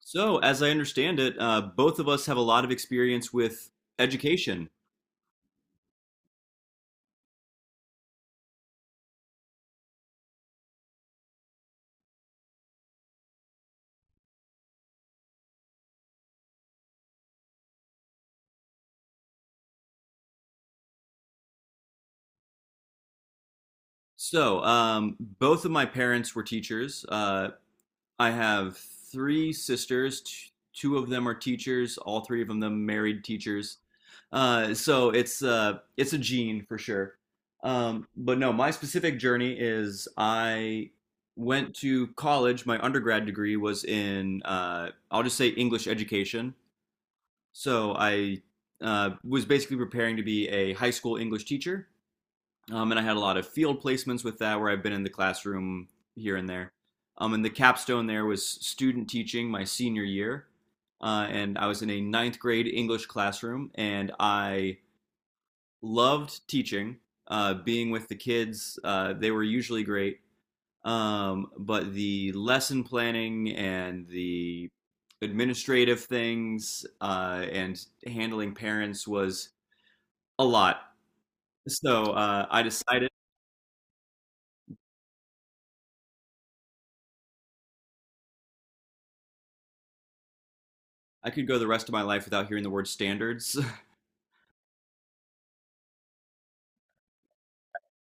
So, as I understand it, both of us have a lot of experience with education. So, both of my parents were teachers. I have three sisters. Two of them are teachers. All three of them married teachers. So it's a gene for sure. But no, my specific journey is I went to college. My undergrad degree was in I'll just say English education. So I was basically preparing to be a high school English teacher, and I had a lot of field placements with that, where I've been in the classroom here and there. And the capstone there was student teaching my senior year, and I was in a ninth grade English classroom, and I loved teaching, being with the kids. They were usually great, but the lesson planning and the administrative things and handling parents was a lot. So I could go the rest of my life without hearing the word standards.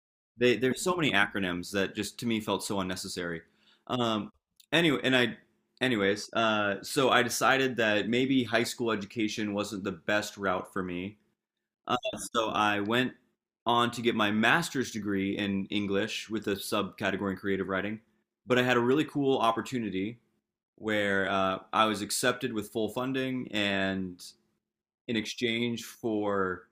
There's so many acronyms that just to me felt so unnecessary. Um, anyway, and I, so I decided that maybe high school education wasn't the best route for me. Uh, so I went on to get my master's degree in English with a subcategory in creative writing. But I had a really cool opportunity where I was accepted with full funding, and in exchange for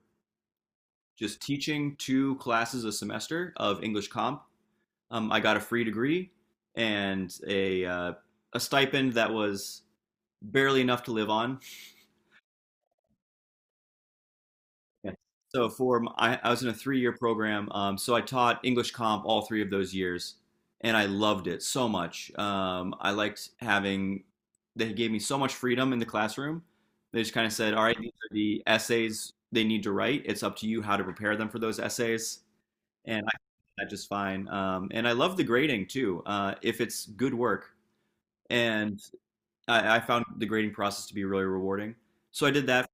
just teaching two classes a semester of English comp, I got a free degree and a stipend that was barely enough to live on. Yeah. So for I was in a three-year program. So I taught English comp all three of those years, and I loved it so much. I liked having they gave me so much freedom in the classroom. They just kind of said, "All right, these are the essays they need to write. It's up to you how to prepare them for those essays." And I did that just fine. And I love the grading too, if it's good work. And I found the grading process to be really rewarding. So I did that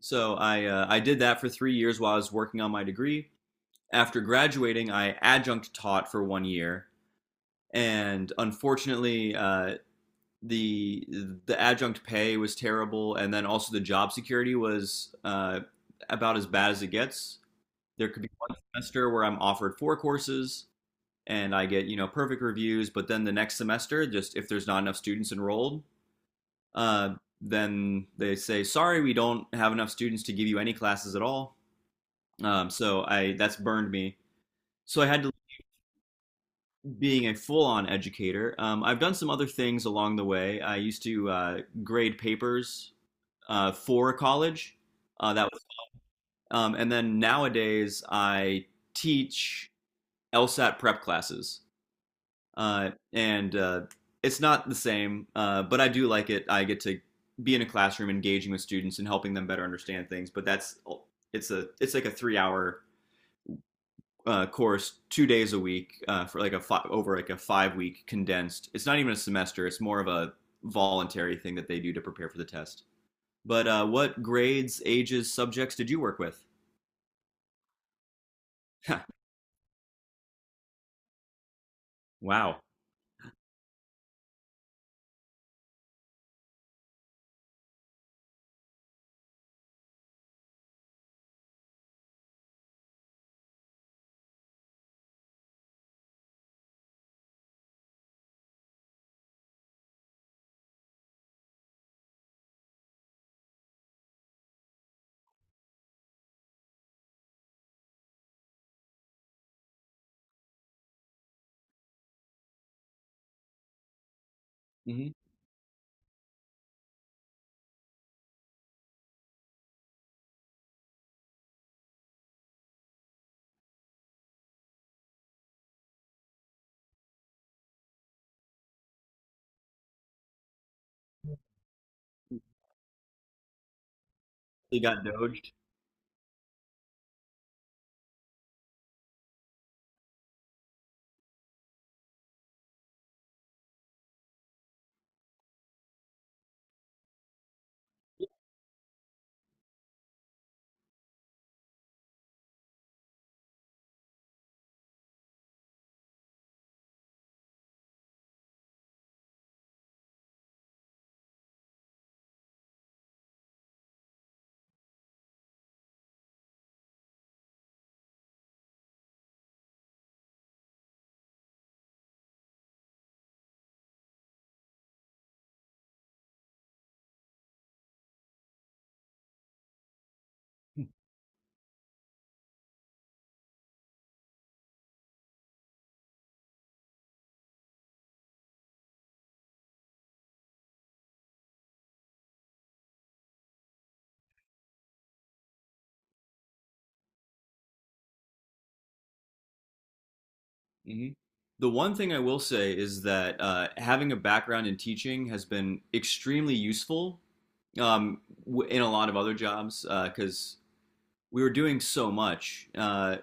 So I did that for 3 years while I was working on my degree. After graduating, I adjunct taught for 1 year, and unfortunately, the the adjunct pay was terrible, and then also the job security was about as bad as it gets. There could be one semester where I'm offered four courses and I get, you know, perfect reviews, but then the next semester, just if there's not enough students enrolled, uh, then they say sorry, we don't have enough students to give you any classes at all. So I that's burned me. So I had to Being a full-on educator. I've done some other things along the way. I used to grade papers for college. Uh, that was, and then nowadays I teach LSAT prep classes, and it's not the same, but I do like it. I get to be in a classroom, engaging with students and helping them better understand things. But that's it's a it's like a three-hour course 2 days a week for like a over like a 5 week condensed. It's not even a semester. It's more of a voluntary thing that they do to prepare for the test. But what grades, ages, subjects did you work with? Wow. Mm-hmm. You got doged. Hmm. The one thing I will say is that having a background in teaching has been extremely useful, in a lot of other jobs because we were doing so much.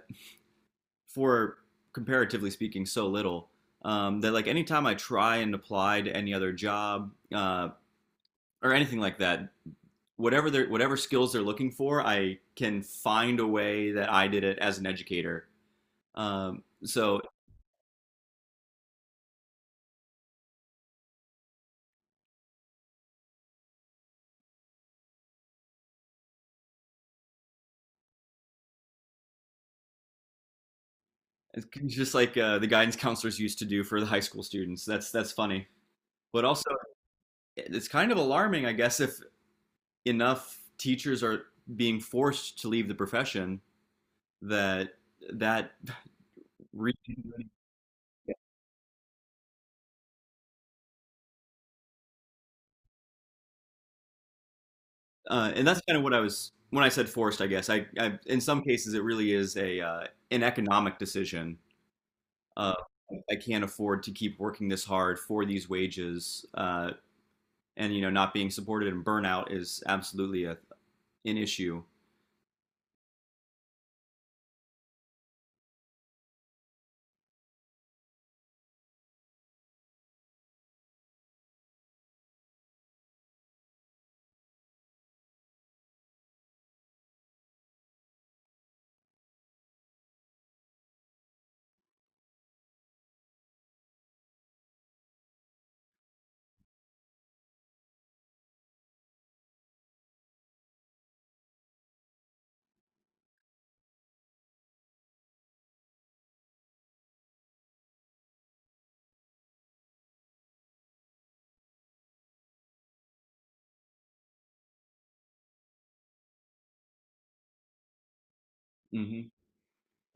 For comparatively speaking so little, that like anytime I try and apply to any other job or anything like that, whatever skills they're looking for, I can find a way that I did it as an educator. So it's just like the guidance counselors used to do for the high school students. That's funny, but also it's kind of alarming, I guess, if enough teachers are being forced to leave the profession that that reason. And that's kind of what I was when I said forced. I guess I in some cases it really is a an economic decision. Uh, I can't afford to keep working this hard for these wages, and you know, not being supported, and burnout is absolutely an issue. Hmm.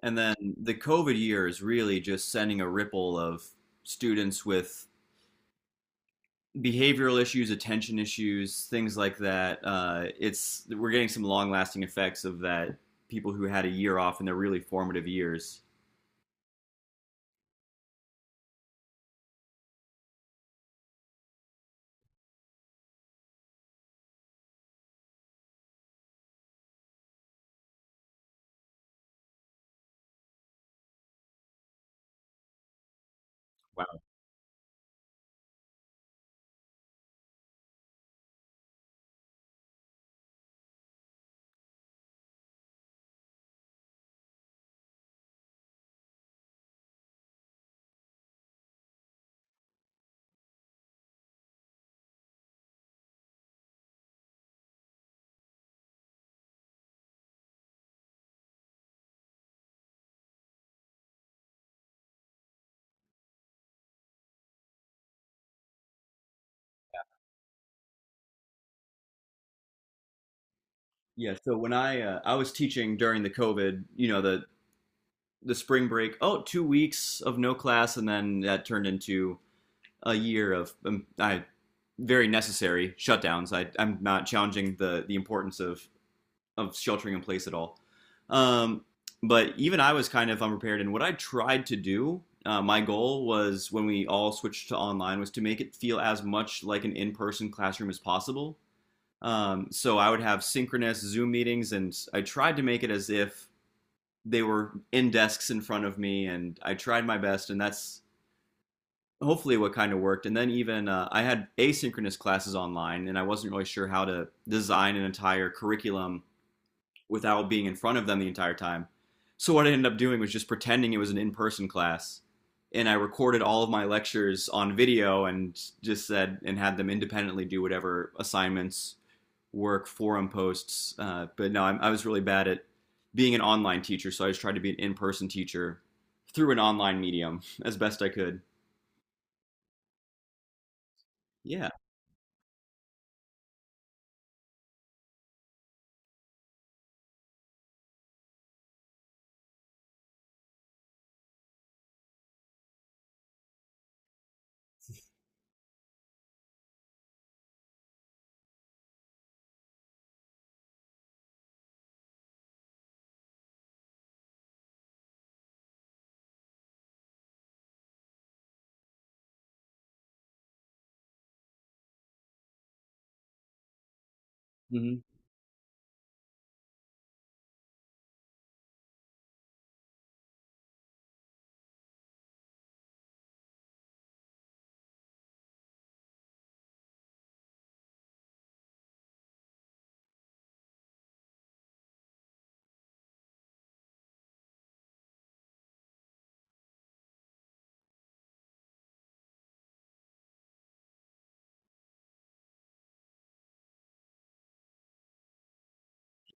And then the COVID year is really just sending a ripple of students with behavioral issues, attention issues, things like that. It's We're getting some long lasting effects of that. People who had a year off in their really formative years. Wow. Yeah. So when I was teaching during the COVID, you know, the spring break. Oh, 2 weeks of no class, and then that turned into a year of I very necessary shutdowns. I'm not challenging the importance of sheltering in place at all. Um, but even I was kind of unprepared. And what I tried to do, my goal was when we all switched to online, was to make it feel as much like an in-person classroom as possible. So I would have synchronous Zoom meetings, and I tried to make it as if they were in desks in front of me, and I tried my best, and that's hopefully what kind of worked. And then even I had asynchronous classes online, and I wasn't really sure how to design an entire curriculum without being in front of them the entire time. So what I ended up doing was just pretending it was an in-person class, and I recorded all of my lectures on video and just said and had them independently do whatever assignments, work, forum posts. But no, I was really bad at being an online teacher, so I just tried to be an in-person teacher through an online medium as best I could. Yeah, hmm,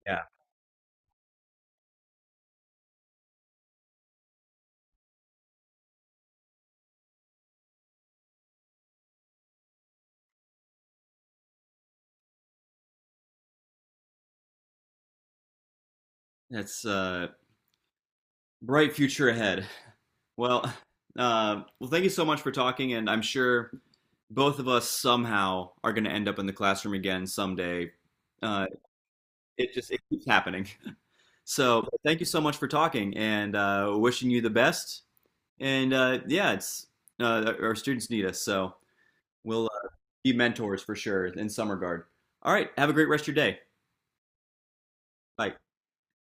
yeah, that's a bright future ahead. Well, well, thank you so much for talking, and I'm sure both of us somehow are going to end up in the classroom again someday. Uh, it just it keeps happening. So thank you so much for talking and wishing you the best. And yeah, it's our students need us, so we'll be mentors for sure in some regard. All right, have a great rest of your day. Bye.